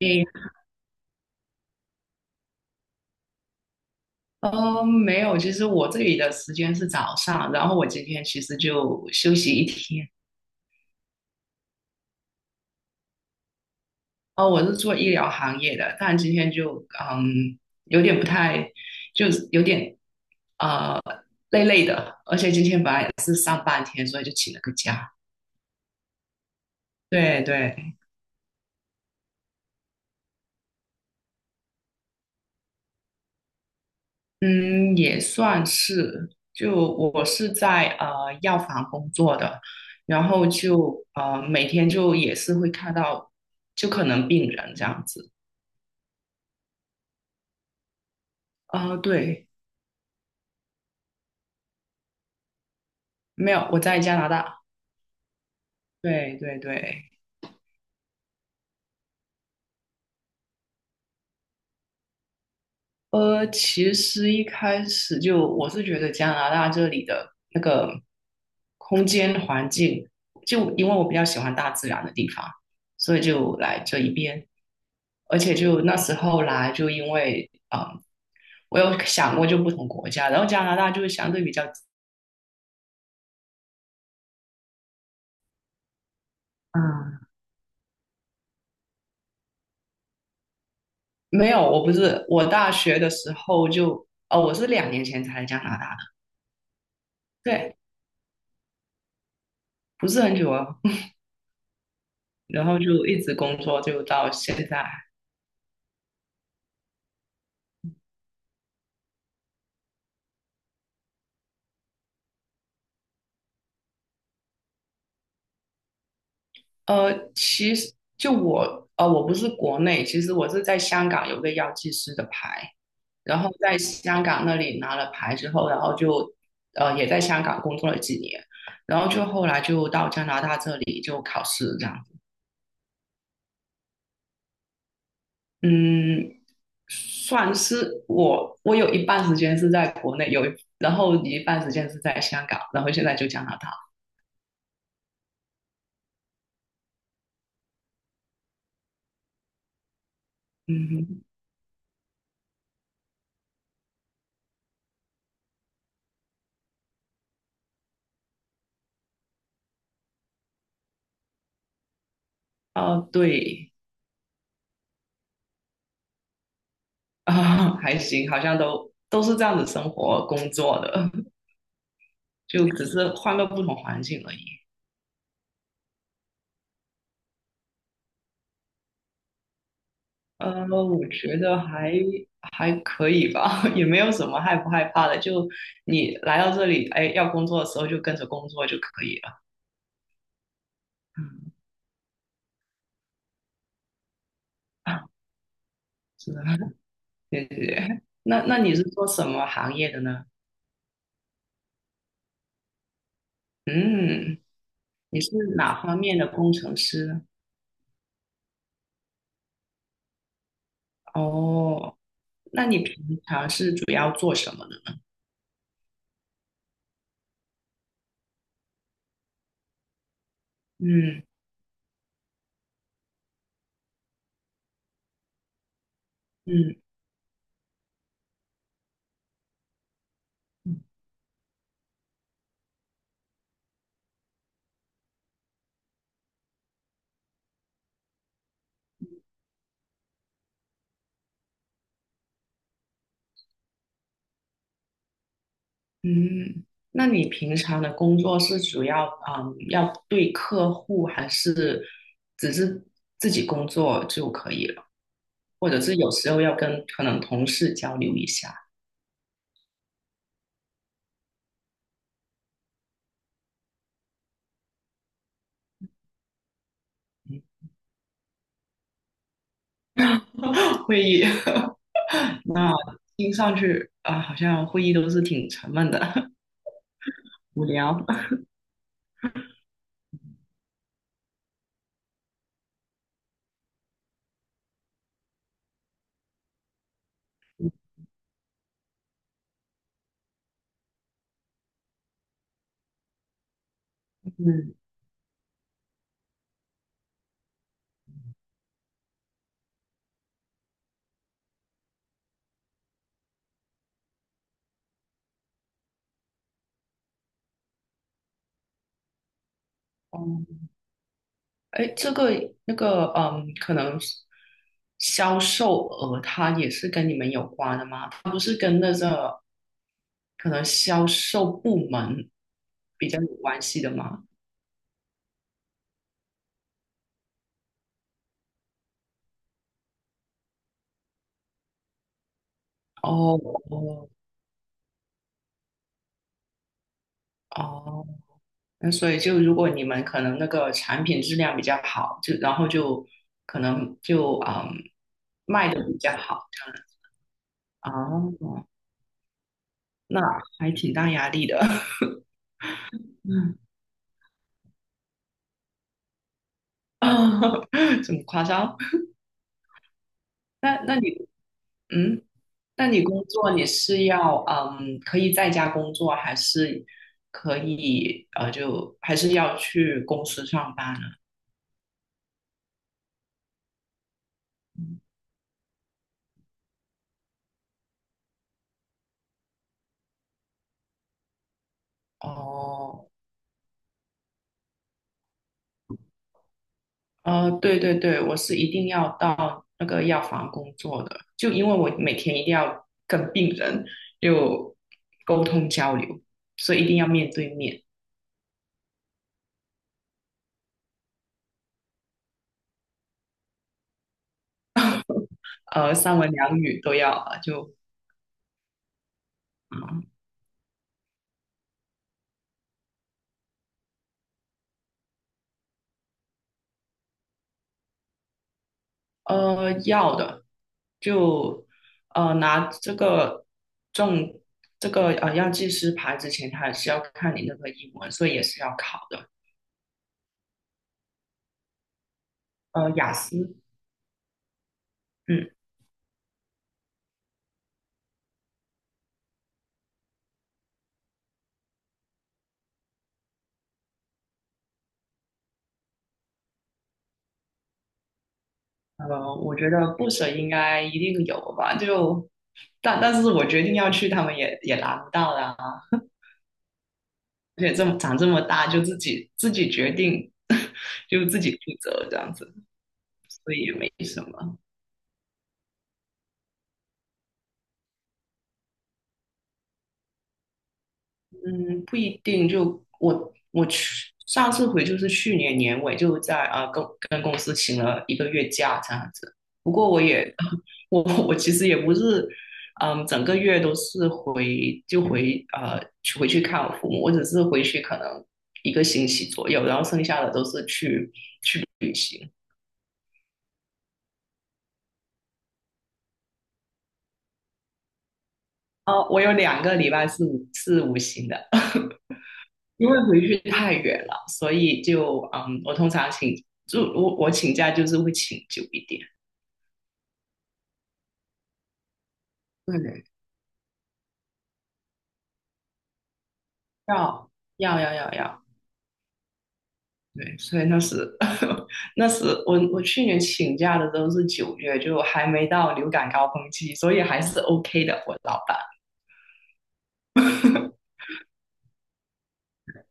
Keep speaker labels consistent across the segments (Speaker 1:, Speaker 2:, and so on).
Speaker 1: 诶，没有，其实我这里的时间是早上，然后我今天其实就休息一天。哦，我是做医疗行业的，但今天就有点不太，就是有点呃累累的，而且今天本来也是上半天，所以就请了个假。对对，嗯，也算是，就我是在药房工作的，然后就每天就也是会看到，就可能病人这样子。啊、对，没有，我在加拿大。对对对，其实一开始就我是觉得加拿大这里的那个空间环境，就因为我比较喜欢大自然的地方，所以就来这一边。而且就那时候来，就因为啊，我有想过就不同国家，然后加拿大就是相对比较嗯，没有，我不是，我大学的时候就我是2年前才来加拿大的，对，不是很久啊。然后就一直工作，就到现在。其实就我，我不是国内，其实我是在香港有个药剂师的牌，然后在香港那里拿了牌之后，然后就也在香港工作了几年，然后就后来就到加拿大这里就考试这样子。嗯，算是我有一半时间是在国内，然后一半时间是在香港，然后现在就加拿大。嗯哼，哦，对。啊，还行，好像都是这样子生活工作的，就只是换个不同环境而已。我觉得还可以吧，也没有什么害不害怕的。就你来到这里，哎，要工作的时候就跟着工作就可以了。嗯，啊是的，谢谢。那你是做什么行业的呢？嗯，你是哪方面的工程师呢？哦，那你平常是主要做什么呢？嗯嗯嗯嗯，那你平常的工作是主要要对客户，还是只是自己工作就可以了？或者是有时候要跟可能同事交流一下嗯 会议？那听上去啊，好像会议都是挺沉闷的，无聊。嗯，哦哎，这个那个，可能是销售额它也是跟你们有关的吗？它不是跟那个可能销售部门比较有关系的吗？哦哦哦，那所以就如果你们可能那个产品质量比较好，就然后就可能就卖的比较好。哦，那还挺大压力的，嗯，这么夸张？那你嗯。那你工作你是要可以在家工作，还是可以就还是要去公司上班呢？哦，对对对，我是一定要到那个药房工作的，就因为我每天一定要跟病人就沟通交流，所以一定要面对面，三文两语都要，就啊。嗯要的，就拿这个证，这个药剂师牌之前，他还是要看你那个英文，所以也是要考的。雅思，嗯，我觉得不舍应该一定有吧，就但是我决定要去，他们也拿不到的啊。而且这么长这么大，就自己决定，就自己负责这样子，没什么。嗯，不一定。就我去上次回就是去年年尾，就在啊、跟公司请了1个月假这样子。不过我也 我我其实也不是，嗯，整个月都是回去看我父母，我只是回去可能1个星期左右，然后剩下的都是去旅行。哦，我有2个礼拜是无薪的。因为回去太远了，所以就我我请假就是会请久一点，对，要要要要要，对，所以那时 那时我去年请假的时候是9月，就还没到流感高峰期，所以还是 OK 的，我老板。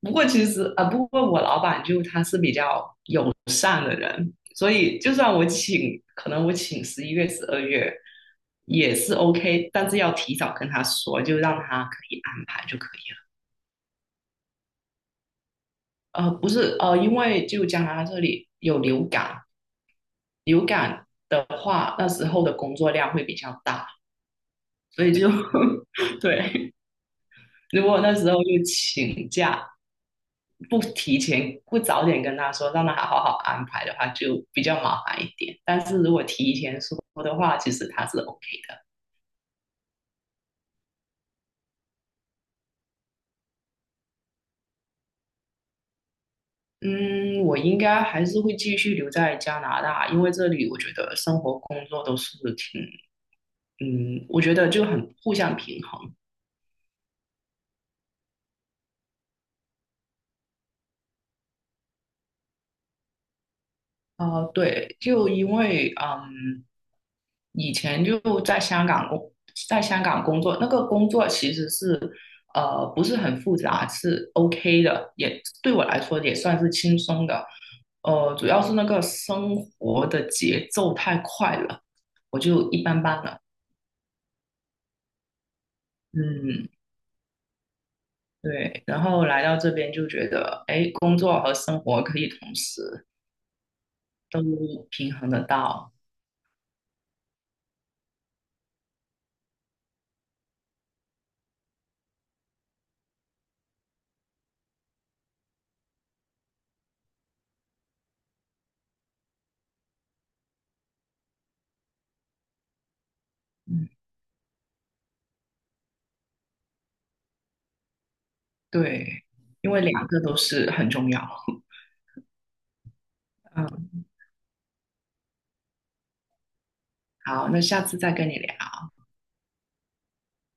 Speaker 1: 不过其实不过我老板就他是比较友善的人，所以就算我请，可能我请11月、12月也是 OK，但是要提早跟他说，就让他可以安排就可以了。不是因为就加拿大这里有流感，流感的话那时候的工作量会比较大，所以就 对，如果那时候就请假不提前不早点跟他说，让他好好安排的话，就比较麻烦一点。但是如果提前说的话，其实他是 OK 的。嗯，我应该还是会继续留在加拿大，因为这里我觉得生活、工作都是挺，嗯，我觉得就很互相平衡。啊、对，就因为以前就在香港工作，那个工作其实是不是很复杂，是 OK 的，也对我来说也算是轻松的。主要是那个生活的节奏太快了，我就一般般了。嗯，对。然后来到这边就觉得，哎，工作和生活可以同时都平衡得到。嗯，对，因为两个都是很重要。嗯，好，那下次再跟你聊。